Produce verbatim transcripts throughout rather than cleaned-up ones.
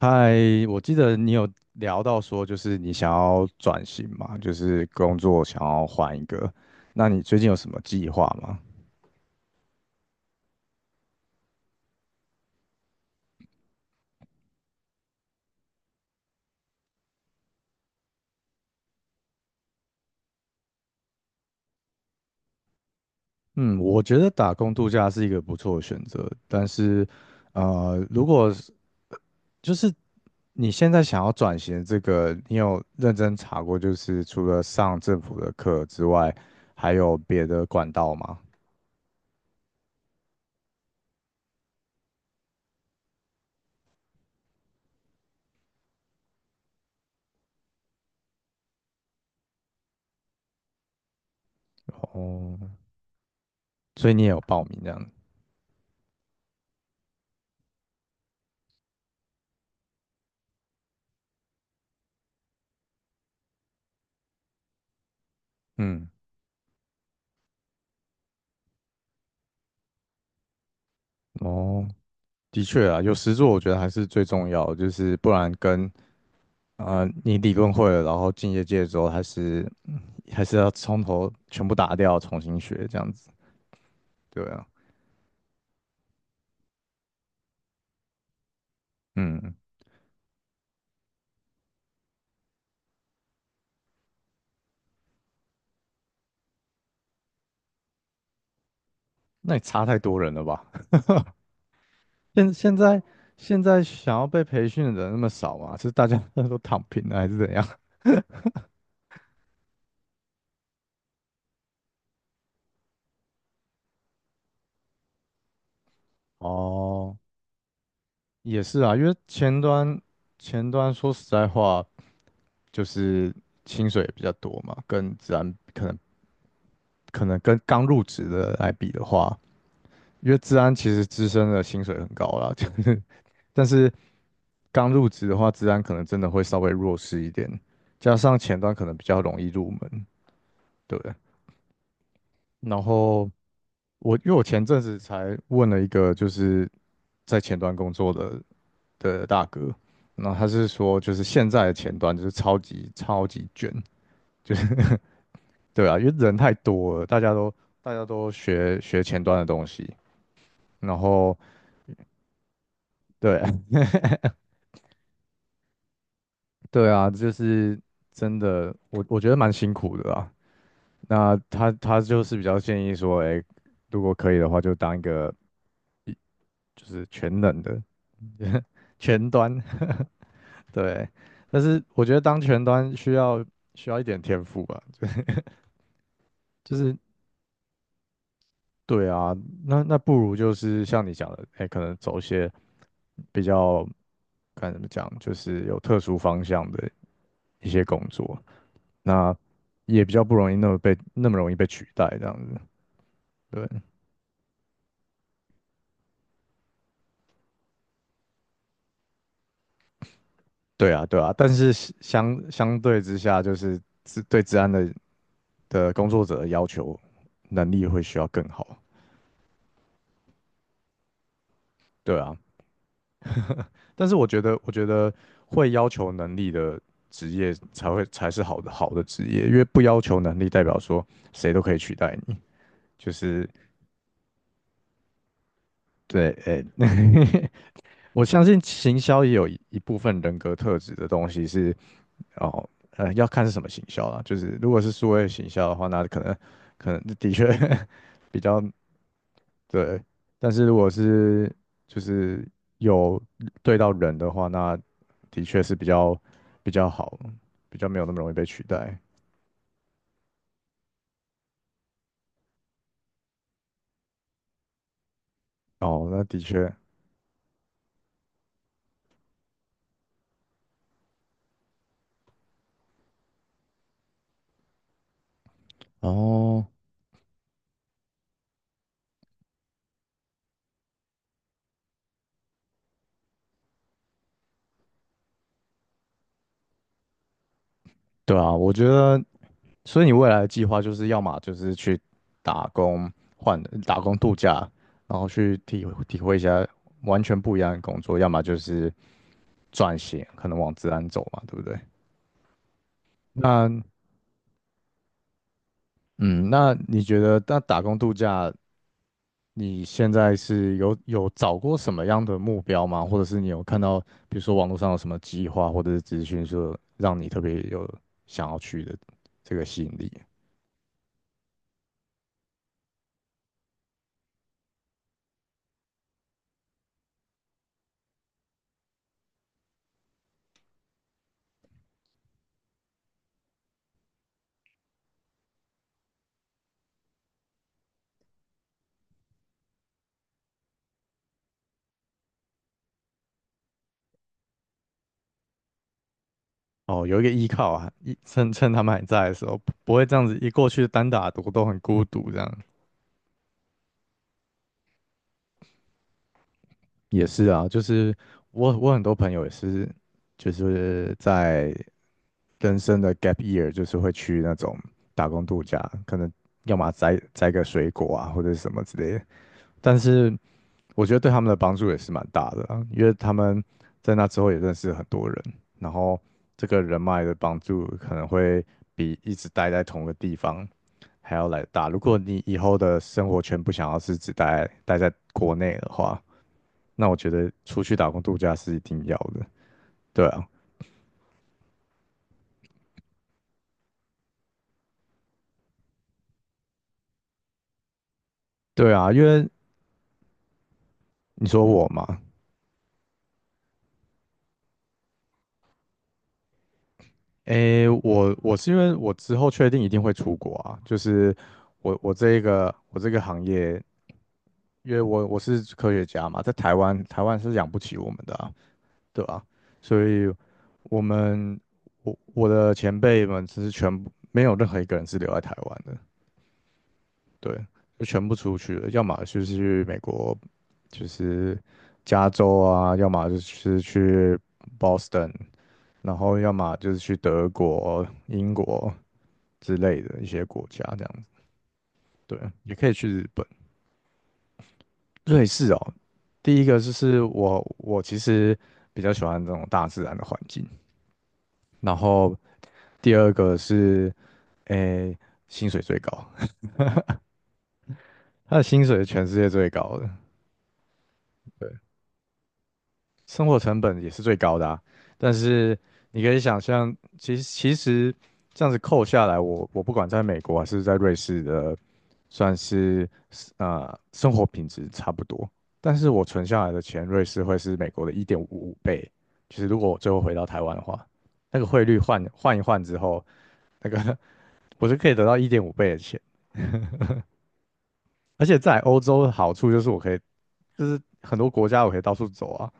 嗨，我记得你有聊到说，就是你想要转型嘛，就是工作想要换一个。那你最近有什么计划吗？嗯，我觉得打工度假是一个不错的选择，但是，呃，如果是就是你现在想要转型的这个，你有认真查过，就是除了上政府的课之外，还有别的管道吗？哦，所以你也有报名这样？嗯，哦。的确啊，有实作我觉得还是最重要的就是不然跟呃你理论会了，然后进业界之后还是还是要从头全部打掉，重新学这样子。对啊，嗯，那也差太多人了吧？现现在现在想要被培训的人那么少嘛？是大家 都躺平了还是怎样？哦，也是啊，因为前端前端说实在话，就是薪水也比较多嘛，跟自然可能可能跟刚入职的来比的话。因为治安其实资深的薪水很高啦，就是但是刚入职的话，治安可能真的会稍微弱势一点，加上前端可能比较容易入门，对不对？然后我因为我前阵子才问了一个就是在前端工作的的大哥，然后他是说就是现在的前端就是超级超级卷，就是 对啊，因为人太多了，大家都大家都学学前端的东西，然后对。对啊，就是真的，我我觉得蛮辛苦的啦。那他他就是比较建议说，哎、如果可以的话，就当一个一就是全能的 全端，对。但是我觉得当全端需要需要一点天赋吧，就是对啊，那那不如就是像你讲的，哎、可能走一些比较该怎么讲，就是有特殊方向的一些工作。那也比较不容易那么被那么容易被取代这样子。对，对啊，对啊，但是相相对之下，就是治对治安的的工作者的要求能力会需要更好。对啊，但是我觉得，我觉得会要求能力的职业才会才是好的好的职业，因为不要求能力代表说谁都可以取代你，就是对，诶、我相信行销也有一一部分人格特质的东西是哦，呃，要看是什么行销啦。就是如果是数位行销的话，那可能可能的确 比较对。但是如果是就是有对到人的话，那的确是比较比较好，比较没有那么容易被取代。哦，那的确，哦，对啊，我觉得，所以你未来的计划就是要么就是去打工换打工度假，然后去体体会一下完全不一样的工作，要么就是。转型，可能往自然走嘛，对不对？那嗯，那你觉得那打工度假，你现在是有有找过什么样的目标吗？或者是你有看到，比如说网络上有什么计划或者是资讯，说让你特别有想要去的这个吸引力？哦，有一个依靠啊，一趁趁他们还在的时候，不不会这样子一过去单打独斗很孤独这样。也是啊，就是我我很多朋友也是，就是在人生的 gap year,就是会去那种打工度假，可能要么摘摘个水果啊，或者是什么之类的。但是我觉得对他们的帮助也是蛮大的啊，因为他们在那之后也认识很多人，然后这个人脉的帮助可能会比一直待在同个地方还要来得大。如果你以后的生活圈不想要是只待待在国内的话，那我觉得出去打工度假是一定要的。对啊，对啊，因为你说我嘛，诶，我我是因为我之后确定一定会出国啊，就是我我这一个我这个行业，因为我我是科学家嘛，在台湾台湾是养不起我们的啊，对啊，所以我们我我的前辈们其实全部没有任何一个人是留在台湾的，对，就全部出去了，要么就是去美国，就是加州啊，要么就是去 Boston,然后要么就是去德国、英国之类的一些国家这样子。对，也可以去瑞士哦。第一个就是我我其实比较喜欢这种大自然的环境，然后第二个是，诶，薪水最高，他的薪水是全世界最高的。对。生活成本也是最高的啊。但是你可以想象，其实其实这样子扣下来，我我不管在美国还是在瑞士的，算是呃生活品质差不多。但是我存下来的钱，瑞士会是美国的一点五倍。就是如果我最后回到台湾的话，那个汇率换换一换之后，那个 我就可以得到一点五倍的钱。而且在欧洲的好处就是我可以，就是很多国家我可以到处走啊。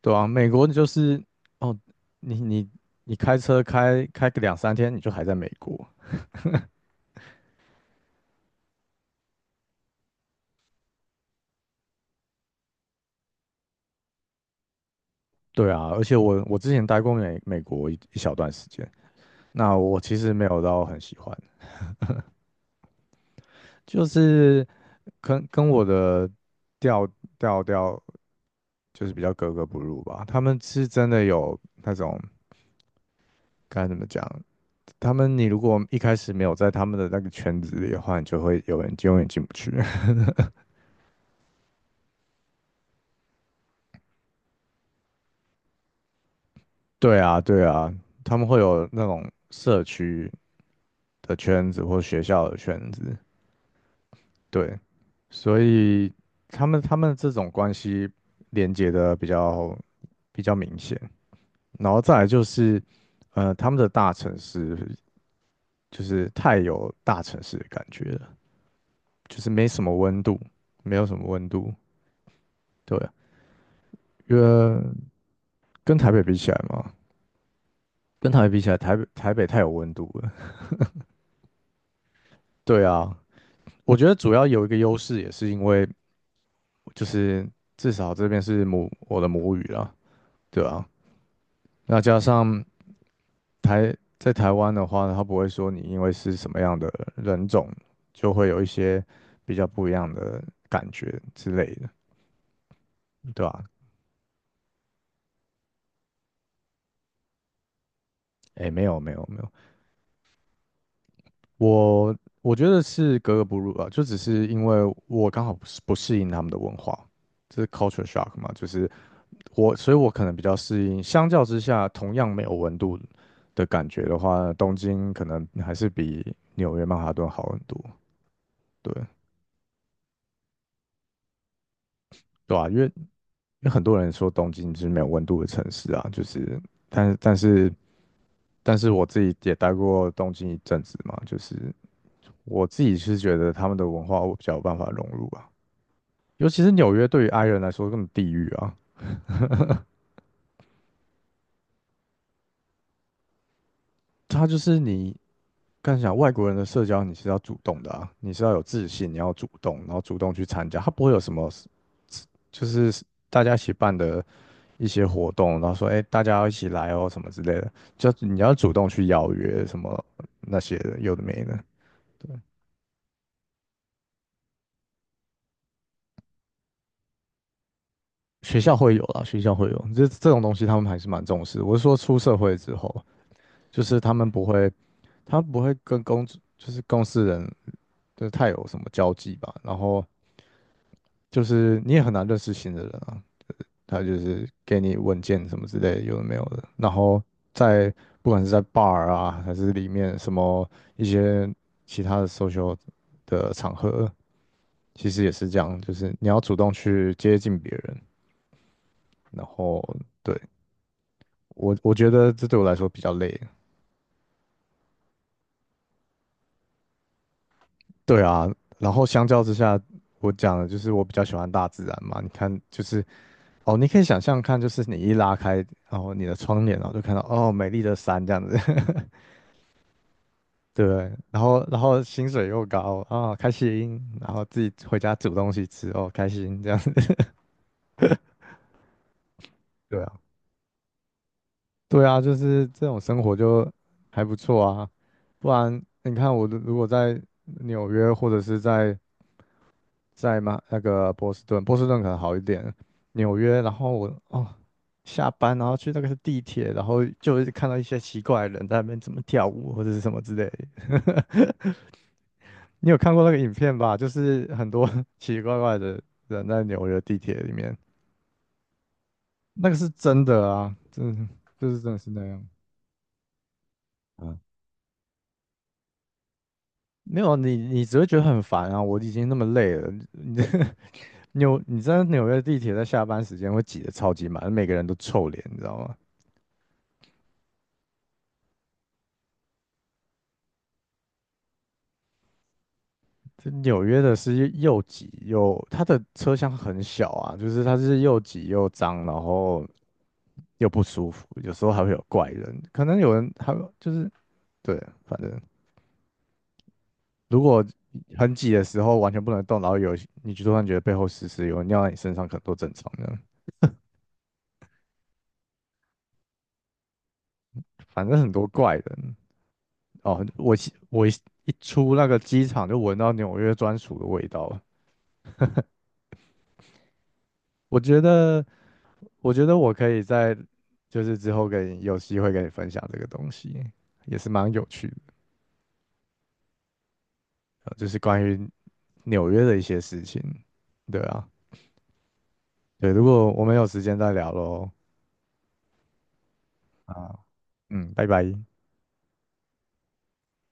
对啊，美国就是哦，你你你开车开开个两三天，你就还在美国。对啊，而且我我之前待过美美国一一小段时间，那我其实没有到很喜欢，就是跟跟我的调调调就是比较格格不入吧。他们是真的有那种该怎么讲，他们你如果一开始没有在他们的那个圈子里的话，你就会有人永远进不去。对啊，对啊，他们会有那种社区的圈子或学校的圈子，对，所以他们他们这种关系连接的比较比较明显，然后再来就是，呃，他们的大城市就是太有大城市的感觉了，就是没什么温度，没有什么温度，对啊，因为跟台北比起来嘛，跟台北比起来，台北台北太有温度了，对啊，我觉得主要有一个优势也是因为就是至少这边是母我的母语啦。对啊，那加上台在台湾的话呢，他不会说你因为是什么样的人种，就会有一些比较不一样的感觉之类的，对吧、诶，哎，没有，没有，没有，我我觉得是格格不入啊，就只是因为我刚好不适不适应他们的文化，这是 culture shock 嘛，就是我，所以我可能比较适应，相较之下，同样没有温度的感觉的话，东京可能还是比纽约曼哈顿好很多，对。对啊，因为因为很多人说东京是没有温度的城市啊，就是，但但是但是我自己也待过东京一阵子嘛，就是我自己是觉得他们的文化我比较有办法融入啊，尤其是纽约对于 i 人来说更地狱啊，它就是你刚想外国人的社交你是要主动的啊，你是要有自信，你要主动，然后主动去参加，它不会有什么就是大家一起办的一些活动，然后说哎大家要一起来哦什么之类的，就你要主动去邀约什么那些的，有的没的。对，学校会有啦，学校会有，这这种东西他们还是蛮重视。我是说出社会之后，就是他们不会，他不会跟公，就是公司人，就是太有什么交际吧。然后就是你也很难认识新的人啊，他就是给你文件什么之类的，有的没有的。然后在不管是在 bar 啊，还是里面什么一些其他的 social 的场合，其实也是这样，就是你要主动去接近别人。然后对，我我觉得这对我来说比较累。对啊，然后相较之下，我讲的就是我比较喜欢大自然嘛。你看，就是哦，你可以想象看，就是你一拉开，然后你的窗帘，然后就看到哦美丽的山这样子，对不对，然后然后薪水又高啊，开心，然后自己回家煮东西吃哦，开心这样子。对啊，对啊，就是这种生活就还不错啊。不然你看我如如果在纽约或者是在在吗？那个波士顿，波士顿可能好一点，纽约，然后我哦下班然后去那个地铁，然后就会看到一些奇怪的人在那边怎么跳舞或者是什么之类的。你有看过那个影片吧？就是很多 奇奇怪怪的人在纽约地铁里面，那个是真的啊，真的就是真的是那样。啊。没有你，你只会觉得很烦啊！我已经那么累了，你 纽你在纽约地铁在下班时间会挤得超级满，每个人都臭脸，你知道吗？这纽约的是又挤又，它的车厢很小啊，就是它是又挤又脏，然后又不舒服，有时候还会有怪人，可能有人还就是对，反正如果很挤的时候完全不能动，然后有你就突然觉得背后湿湿，有人尿在你身上，可能都正常的，反正很多怪人哦。我一我一一出那个机场就闻到纽约专属的味道了，我觉得。我觉得我可以在就是之后跟你有机会跟你分享这个东西，也是蛮有趣的，呃就是关于纽约的一些事情。对啊，对，如果我们有时间再聊喽。啊，嗯，拜拜。